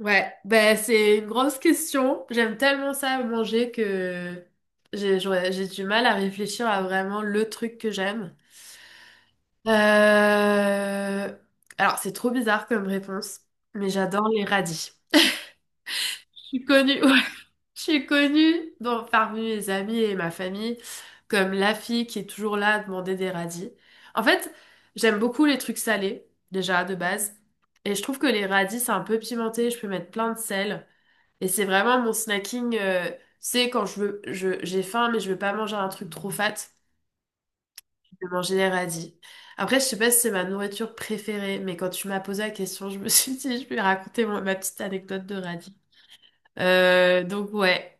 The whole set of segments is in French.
Ouais, ben c'est une grosse question. J'aime tellement ça manger que j'ai du mal à réfléchir à vraiment le truc que j'aime. Euh, Alors, c'est trop bizarre comme réponse, mais j'adore les radis. Je suis connue, ouais, je suis connue dans, parmi mes amis et ma famille comme la fille qui est toujours là à demander des radis. En fait, j'aime beaucoup les trucs salés, déjà de base, et je trouve que les radis, c'est un peu pimenté, je peux mettre plein de sel. Et c'est vraiment mon snacking, c'est quand je veux, je, j'ai faim, mais je veux pas manger un truc trop fat, je vais manger des radis. Après, je sais pas si c'est ma nourriture préférée, mais quand tu m'as posé la question, je me suis dit, je vais raconter ma petite anecdote de radis. Donc ouais,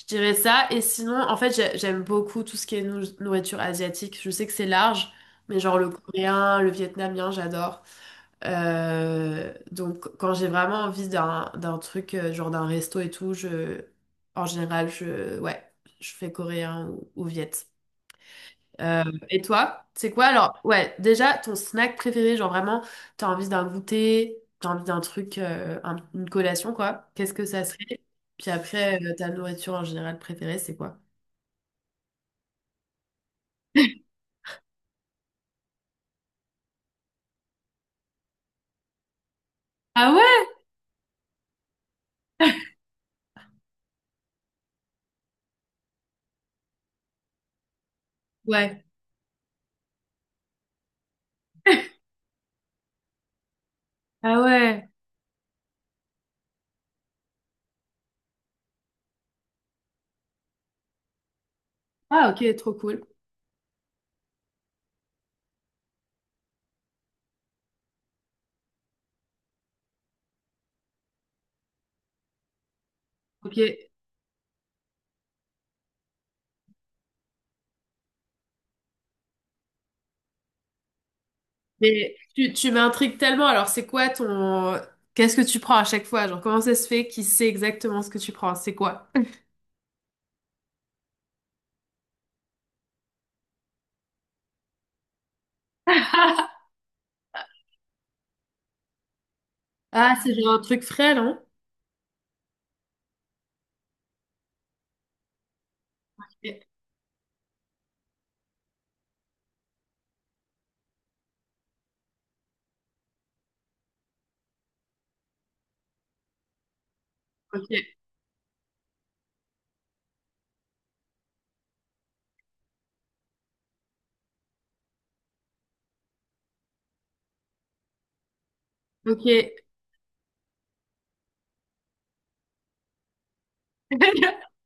je dirais ça. Et sinon, en fait, j'aime beaucoup tout ce qui est nourriture asiatique. Je sais que c'est large, mais genre le coréen, le vietnamien, j'adore. Donc, quand j'ai vraiment envie d'un truc, genre d'un resto et tout, je, en général, je, ouais, je fais coréen ou viet. Euh, et toi, c'est quoi alors? Ouais, déjà, ton snack préféré, genre vraiment, t'as envie d'un goûter, t'as envie d'un truc, une collation, quoi. Qu'est-ce que ça serait? Puis après, ta nourriture en général préférée, c'est quoi? Ah ouais? Ouais. Ah ouais. Ah ok, trop cool. Ok. Mais tu m'intrigues tellement. Alors, c'est quoi ton... Qu'est-ce que tu prends à chaque fois? Genre, comment ça se fait qu'il sait exactement ce que tu prends? C'est quoi? Ah, c'est genre un truc frais, non? Ok, ok. Ok.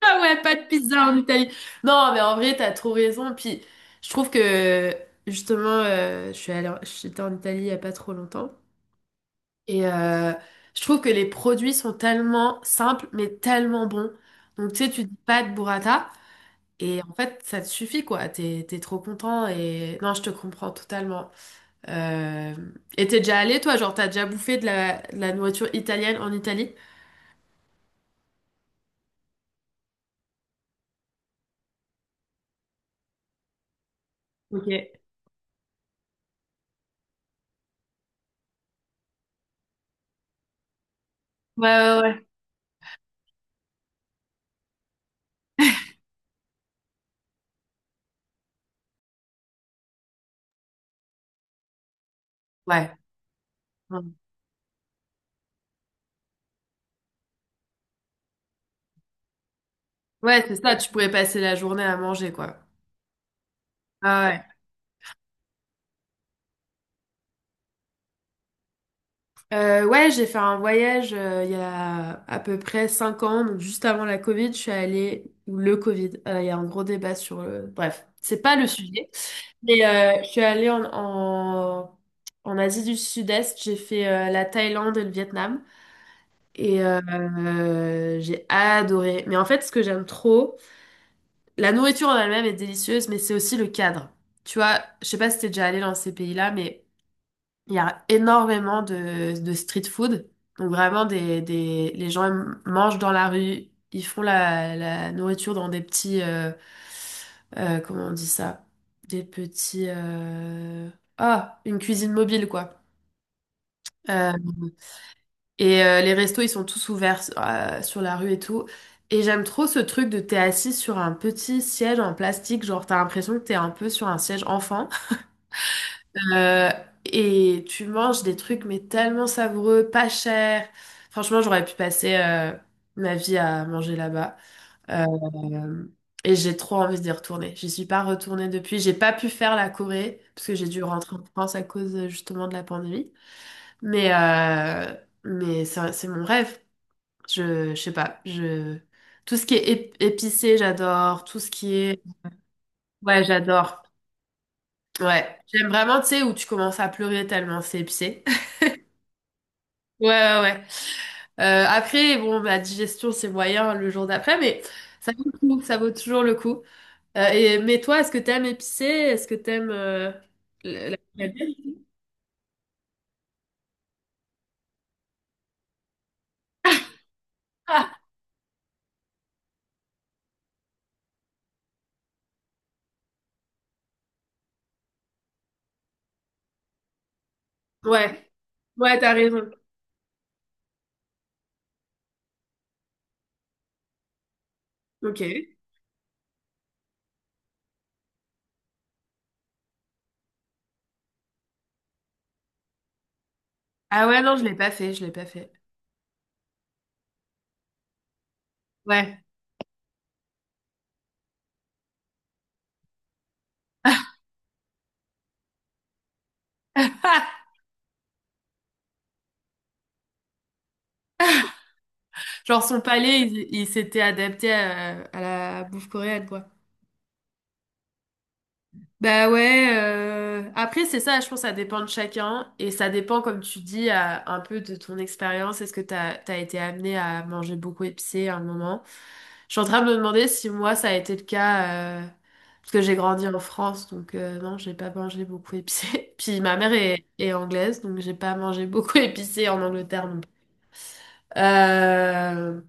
Ah ouais, pas de pizza en Italie. Non, mais en vrai, t'as trop raison. Puis, je trouve que, justement, je suis allée, j'étais en Italie il y a pas trop longtemps. Et je trouve que les produits sont tellement simples, mais tellement bons. Donc, tu sais, tu dis pas de burrata. Et en fait, ça te suffit, quoi. T'es trop content et... Non, je te comprends totalement. Euh... Et t'es déjà allé, toi? Genre, t'as déjà bouffé de de la nourriture italienne en Italie? Ok. Ouais, ouais, ouais. Ouais. Ouais, ouais, c'est ça. Tu pourrais passer la journée à manger, quoi. Ah ouais. Ouais, j'ai fait un voyage il y a à peu près 5 ans, donc juste avant la Covid, je suis allée... Ou le Covid. Il y a un gros débat sur le... Bref, c'est pas le sujet. Et, je suis allée en Asie du Sud-Est, j'ai fait la Thaïlande et le Vietnam et j'ai adoré. Mais en fait, ce que j'aime trop, la nourriture en elle-même est délicieuse, mais c'est aussi le cadre. Tu vois, je sais pas si t'es déjà allé dans ces pays-là, mais il y a énormément de street food. Donc vraiment, les gens ils mangent dans la rue, ils font la nourriture dans des petits... comment on dit ça? Des petits... Ah, une cuisine mobile, quoi. Euh, et les restos, ils sont tous ouverts sur la rue et tout. Et j'aime trop ce truc de t'es assis sur un petit siège en plastique, genre t'as l'impression que t'es un peu sur un siège enfant. Euh, et tu manges des trucs mais tellement savoureux, pas cher. Franchement, j'aurais pu passer ma vie à manger là-bas. Euh, et j'ai trop envie d'y retourner. J'y suis pas retournée depuis. J'ai pas pu faire la Corée parce que j'ai dû rentrer en France à cause justement de la pandémie. Mais euh, mais c'est mon rêve. Je sais pas. Je tout ce qui est épicé, j'adore. Tout ce qui est ouais, j'adore. Ouais, j'aime vraiment, tu sais, où tu commences à pleurer tellement c'est épicé. Ouais, ouais, ouais. Après, bon, ma digestion, c'est moyen le jour d'après, mais ça vaut le coup, ça vaut toujours le coup. Mais toi, est-ce que t'aimes épicé? Est-ce que t'aimes... la- la- la- Ah, ouais, ouais, t'as raison. Ok. Ah ouais, non, je l'ai pas fait. Ouais. Genre, son palais, il s'était adapté à la bouffe coréenne, quoi. Bah ouais, après c'est ça, je pense que ça dépend de chacun et ça dépend comme tu dis un peu de ton expérience, est-ce que t'as été amené à manger beaucoup épicé à un moment? Je suis en train de me demander si moi ça a été le cas parce que j'ai grandi en France donc non, j'ai pas mangé beaucoup épicé. Puis ma mère est anglaise donc j'ai pas mangé beaucoup épicé en Angleterre non plus. Euh,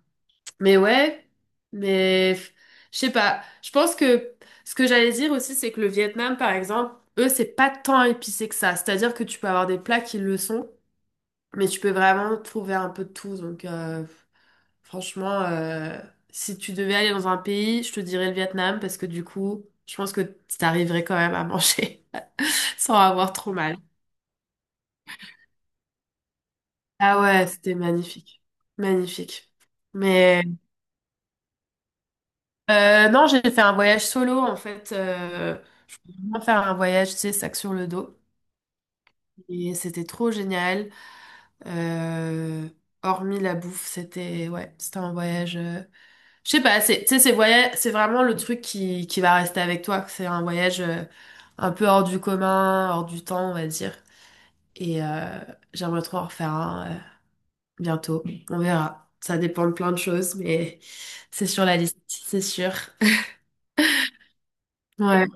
mais ouais, mais f- je sais pas. Je pense que ce que j'allais dire aussi, c'est que le Vietnam, par exemple, eux, c'est pas tant épicé que ça. C'est-à-dire que tu peux avoir des plats qui le sont, mais tu peux vraiment trouver un peu de tout. Donc, franchement, si tu devais aller dans un pays, je te dirais le Vietnam parce que du coup, je pense que t'arriverais quand même à manger sans avoir trop mal. Ah ouais, c'était magnifique. Magnifique. Mais non, j'ai fait un voyage solo en fait. Euh, on faire un voyage, tu sais, sac sur le dos. Et c'était trop génial. Euh, hormis la bouffe, c'était ouais, c'était un voyage. Je sais pas, c'est, tu sais, c'est voyage, c'est vraiment le truc qui va rester avec toi. C'est un voyage un peu hors du commun, hors du temps, on va dire. Et j'aimerais trop en refaire un bientôt. On verra. Ça dépend de plein de choses, mais c'est sur la liste, c'est sûr. Ouais.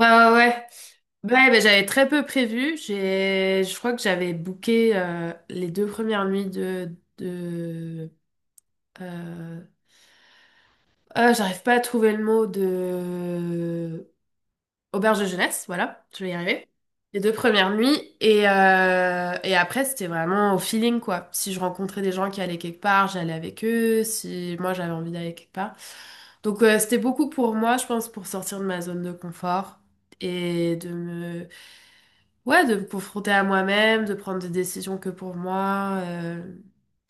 Ouais, ouais, ouais. Ouais, ben, j'avais très peu prévu. J'ai, je crois que j'avais booké les deux premières nuits de euh, ah, j'arrive pas à trouver le mot de auberge de jeunesse. Voilà, je vais y arriver. Les deux premières nuits et et après c'était vraiment au feeling quoi. Si je rencontrais des gens qui allaient quelque part, j'allais avec eux. Si moi j'avais envie d'aller quelque part, donc c'était beaucoup pour moi, je pense, pour sortir de ma zone de confort et de me ouais, de me confronter à moi-même, de prendre des décisions que pour moi,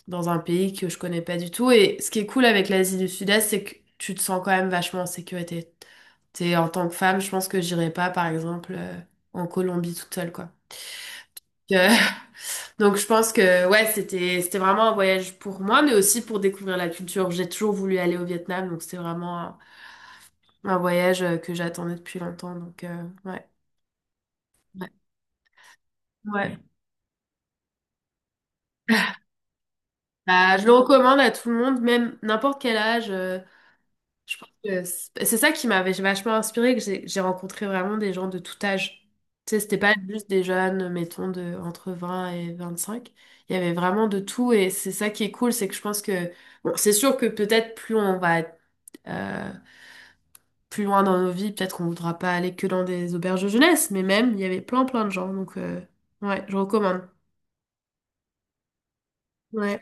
dans un pays que je connais pas du tout. Et ce qui est cool avec l'Asie du Sud-Est, c'est que tu te sens quand même vachement en sécurité. T'es, en tant que femme, je pense que j'irai pas, par exemple, en Colombie toute seule, quoi. Que- Donc je pense que ouais, c'était vraiment un voyage pour moi, mais aussi pour découvrir la culture. J'ai toujours voulu aller au Vietnam, donc c'était vraiment un voyage que j'attendais depuis longtemps. Donc ouais, ouais, ouais. Bah, je le recommande à tout le monde, même n'importe quel âge. Je pense que c'est ça qui m'avait vachement inspirée, que j'ai rencontré vraiment des gens de tout âge. Tu sais, c'était pas juste des jeunes, mettons, de, entre 20 et 25. Il y avait vraiment de tout et c'est ça qui est cool, c'est que je pense que, bon, c'est sûr que peut-être plus on va être, euh, plus loin dans nos vies, peut-être qu'on voudra pas aller que dans des auberges de jeunesse, mais même, il y avait plein plein de gens, donc ouais, je recommande. Ouais,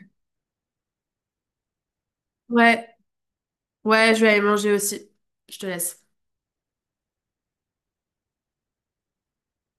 ouais, ouais, je vais aller manger aussi. Je te laisse.